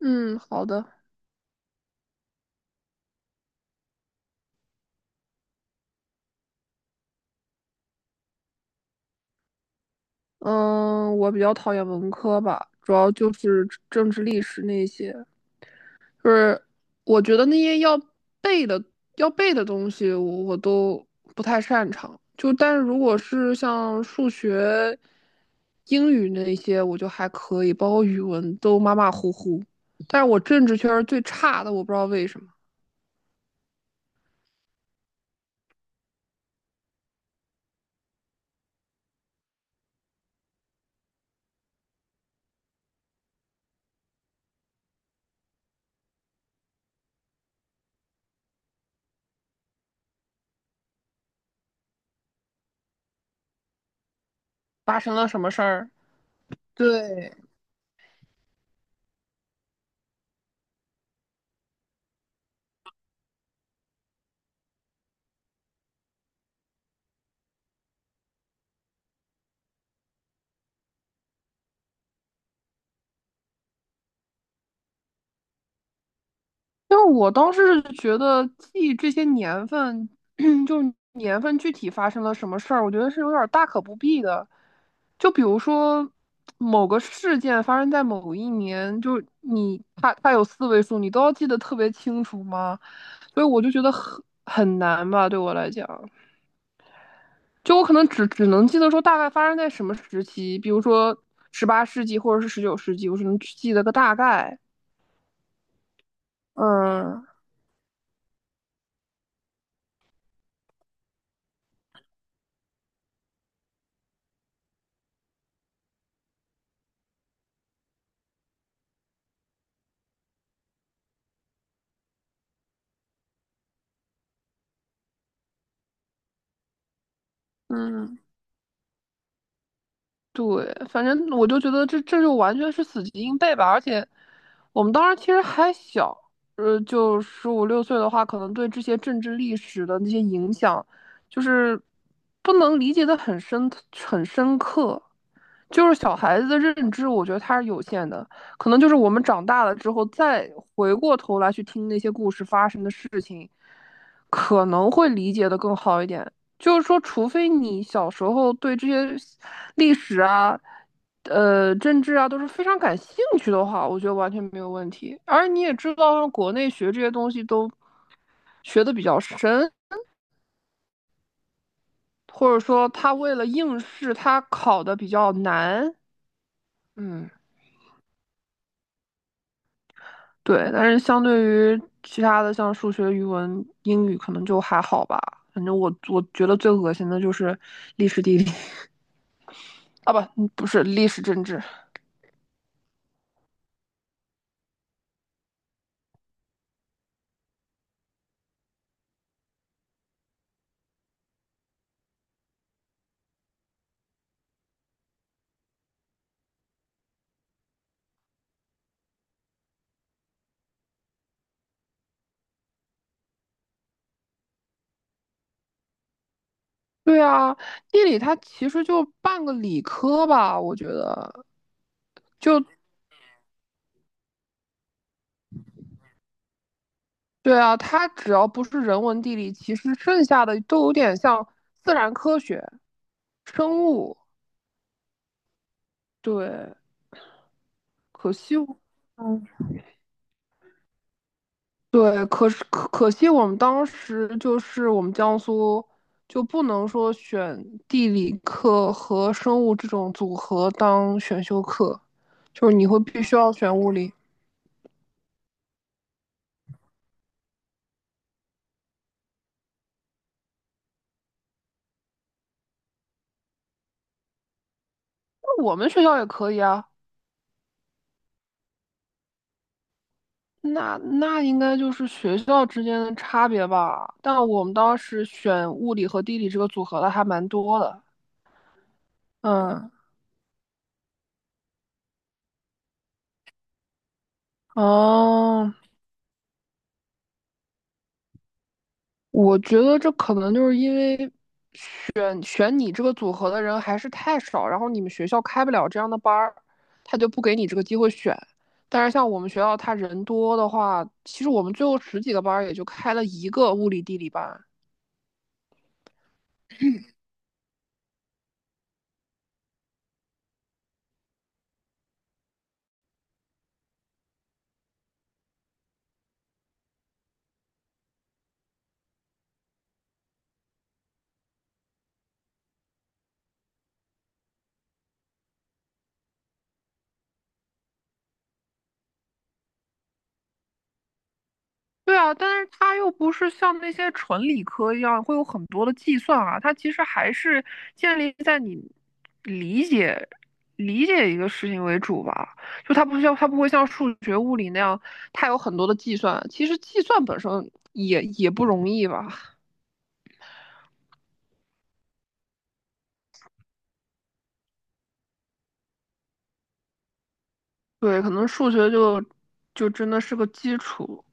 嗯，好的。嗯，我比较讨厌文科吧，主要就是政治、历史那些，就是我觉得那些要背的、背的东西我都不太擅长。就但是如果是像数学、英语那些，我就还可以，包括语文都马马虎虎。但是我政治圈儿最差的，我不知道为什么发生了什么事儿。对，因为我当时是觉得记这些年份，就是年份具体发生了什么事儿，我觉得是有点儿大可不必的。就比如说某个事件发生在某一年，就是你它有四位数，你都要记得特别清楚吗？所以我就觉得很难吧，对我来讲，就我可能只能记得说大概发生在什么时期，比如说18世纪或者是19世纪，我只能记得个大概。嗯嗯。对，反正我就觉得这就完全是死记硬背吧，而且我们当时其实还小，就十五六岁的话，可能对这些政治历史的那些影响，就是不能理解的很深刻，就是小孩子的认知，我觉得它是有限的，可能就是我们长大了之后再回过头来去听那些故事发生的事情，可能会理解的更好一点。就是说，除非你小时候对这些历史啊、政治啊都是非常感兴趣的话，我觉得完全没有问题。而你也知道，国内学这些东西都学的比较深，或者说他为了应试，他考的比较难。嗯，对。但是相对于其他的，像数学、语文、英语，可能就还好吧。反正我觉得最恶心的就是历史地理 啊，不，不是历史政治。对啊，地理它其实就半个理科吧，我觉得。对啊，它只要不是人文地理，其实剩下的都有点像自然科学、生物。对，可惜我嗯，对，可是可惜我们当时就是我们江苏就不能说选地理课和生物这种组合当选修课，就是你会必须要选物理。那我们学校也可以啊。那应该就是学校之间的差别吧，但我们当时选物理和地理这个组合的还蛮多的。嗯，哦，我觉得这可能就是因为嗯选你这个组合的人还是太少，然后你们学校开不了这样的班儿，他就不给你这个机会选。但是像我们学校，他人多的话，其实我们最后十几个班儿也就开了一个物理地理班，对啊，但是它又不是像那些纯理科一样会有很多的计算啊，它其实还是建立在你理解理解一个事情为主吧。就它不会像数学、物理那样，它有很多的计算。其实计算本身也不容易吧？对，可能数学就真的是个基础，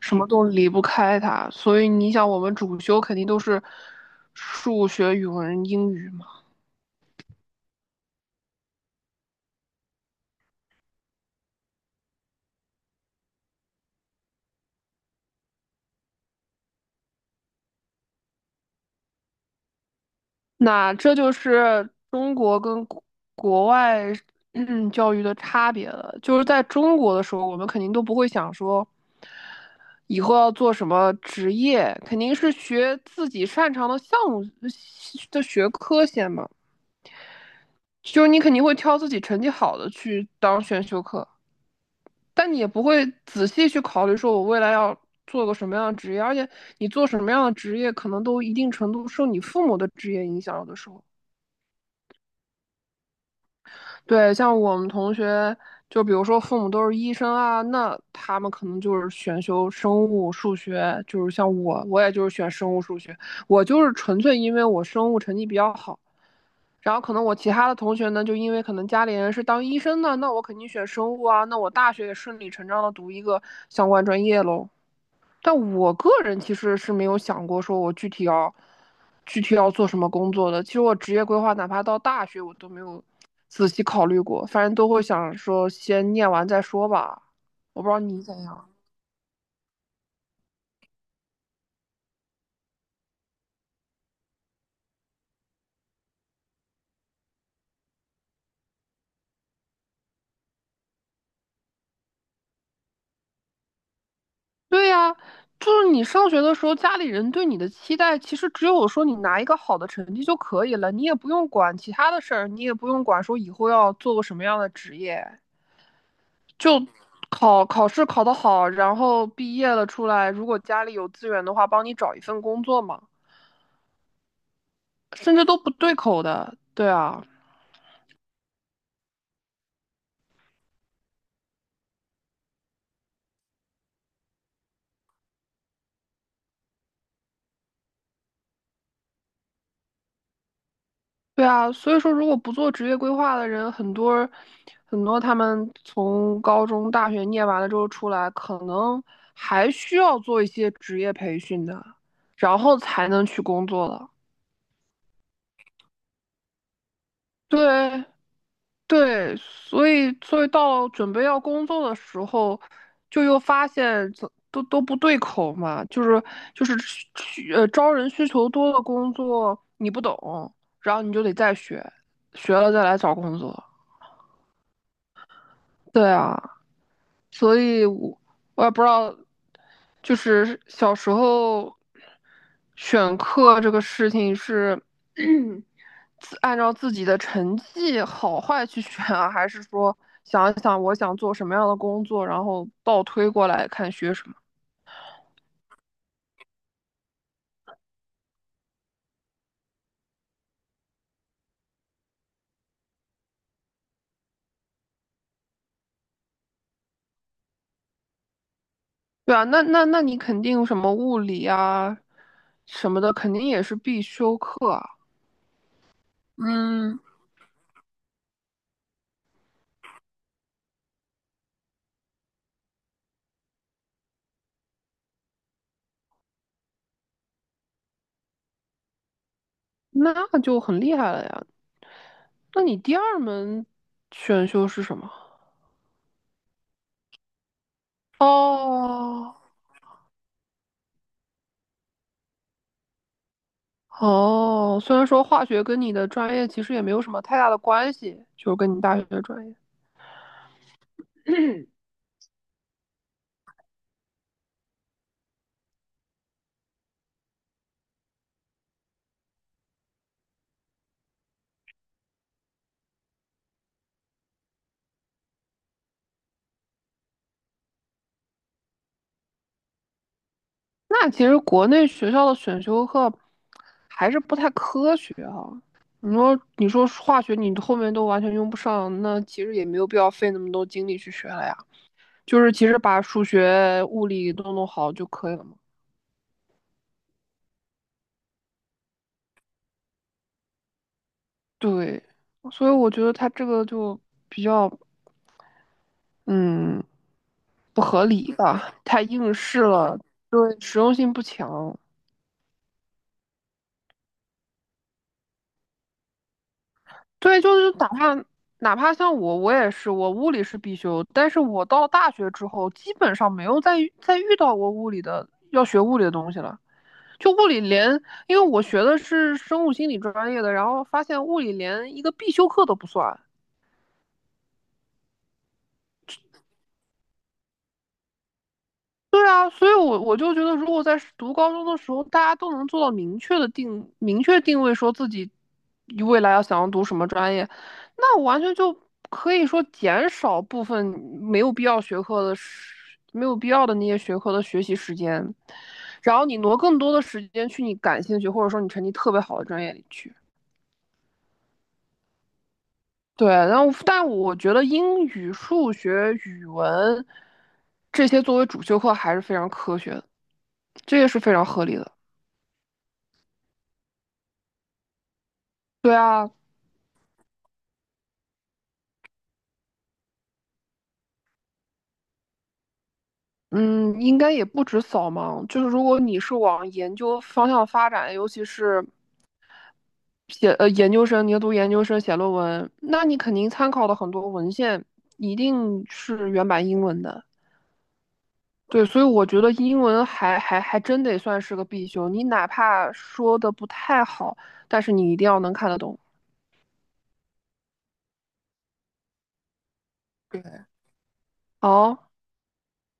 什么都离不开它。所以你想，我们主修肯定都是数学、语文、英语嘛。那这就是中国跟国外教育的差别了。就是在中国的时候，我们肯定都不会想说以后要做什么职业，肯定是学自己擅长的项目的学科先嘛。就是你肯定会挑自己成绩好的去当选修课，但你也不会仔细去考虑说我未来要做个什么样的职业，而且你做什么样的职业，可能都一定程度受你父母的职业影响，有的时候。对，像我们同学，就比如说父母都是医生啊，那他们可能就是选修生物、数学，就是像我，我也就是选生物、数学，我就是纯粹因为我生物成绩比较好，然后可能我其他的同学呢，就因为可能家里人是当医生的，那我肯定选生物啊，那我大学也顺理成章的读一个相关专业喽。但我个人其实是没有想过说我具体要做什么工作的。其实我职业规划，哪怕到大学我都没有仔细考虑过，反正都会想说先念完再说吧。我不知道你怎样。对呀，就是你上学的时候，家里人对你的期待其实只有说你拿一个好的成绩就可以了，你也不用管其他的事儿，你也不用管说以后要做个什么样的职业。就考试考得好，然后毕业了出来，如果家里有资源的话，帮你找一份工作嘛，甚至都不对口的。对啊，对啊，所以说如果不做职业规划的人，很多他们从高中、大学念完了之后出来，可能还需要做一些职业培训的，然后才能去工作的。对，对，所以到准备要工作的时候，就又发现都不对口嘛，就是招人需求多的工作你不懂，然后你就得再学，学了再来找工作。对啊，所以我也不知道，就是小时候选课这个事情是。按照自己的成绩好坏去选啊，还是说想一想我想做什么样的工作，然后倒推过来看学什么？对啊，那你肯定什么物理啊什么的，肯定也是必修课啊，嗯，那就很厉害了呀。那你第二门选修是什么？哦哦，虽然说化学跟你的专业其实也没有什么太大的关系，就是跟你大学的专业。那其实国内学校的选修课还是不太科学哈、你说化学你后面都完全用不上，那其实也没有必要费那么多精力去学了呀。就是其实把数学、物理都弄好就可以了嘛。对，所以我觉得他这个就比较嗯不合理吧，太应试了，对，实用性不强。对，就是哪怕像我，我也是，我物理是必修，但是我到大学之后，基本上没有再遇到过物理的要学物理的东西了。就物理连，因为我学的是生物心理专业的，然后发现物理连一个必修课都不算。对啊，所以我就觉得，如果在读高中的时候，大家都能做到明确定位，说自己未来要想要读什么专业，那我完全就可以说减少部分没有必要学科的时没有必要的那些学科的学习时间，然后你挪更多的时间去你感兴趣或者说你成绩特别好的专业里去。对，然后但我觉得英语、数学、语文这些作为主修课还是非常科学的，这也是非常合理的。对啊，嗯，应该也不止扫盲，就是如果你是往研究方向发展，尤其是写呃研究生，你要读研究生写论文，那你肯定参考的很多文献一定是原版英文的。对，所以我觉得英文还真得算是个必修，你哪怕说的不太好，但是你一定要能看得懂。对，哦。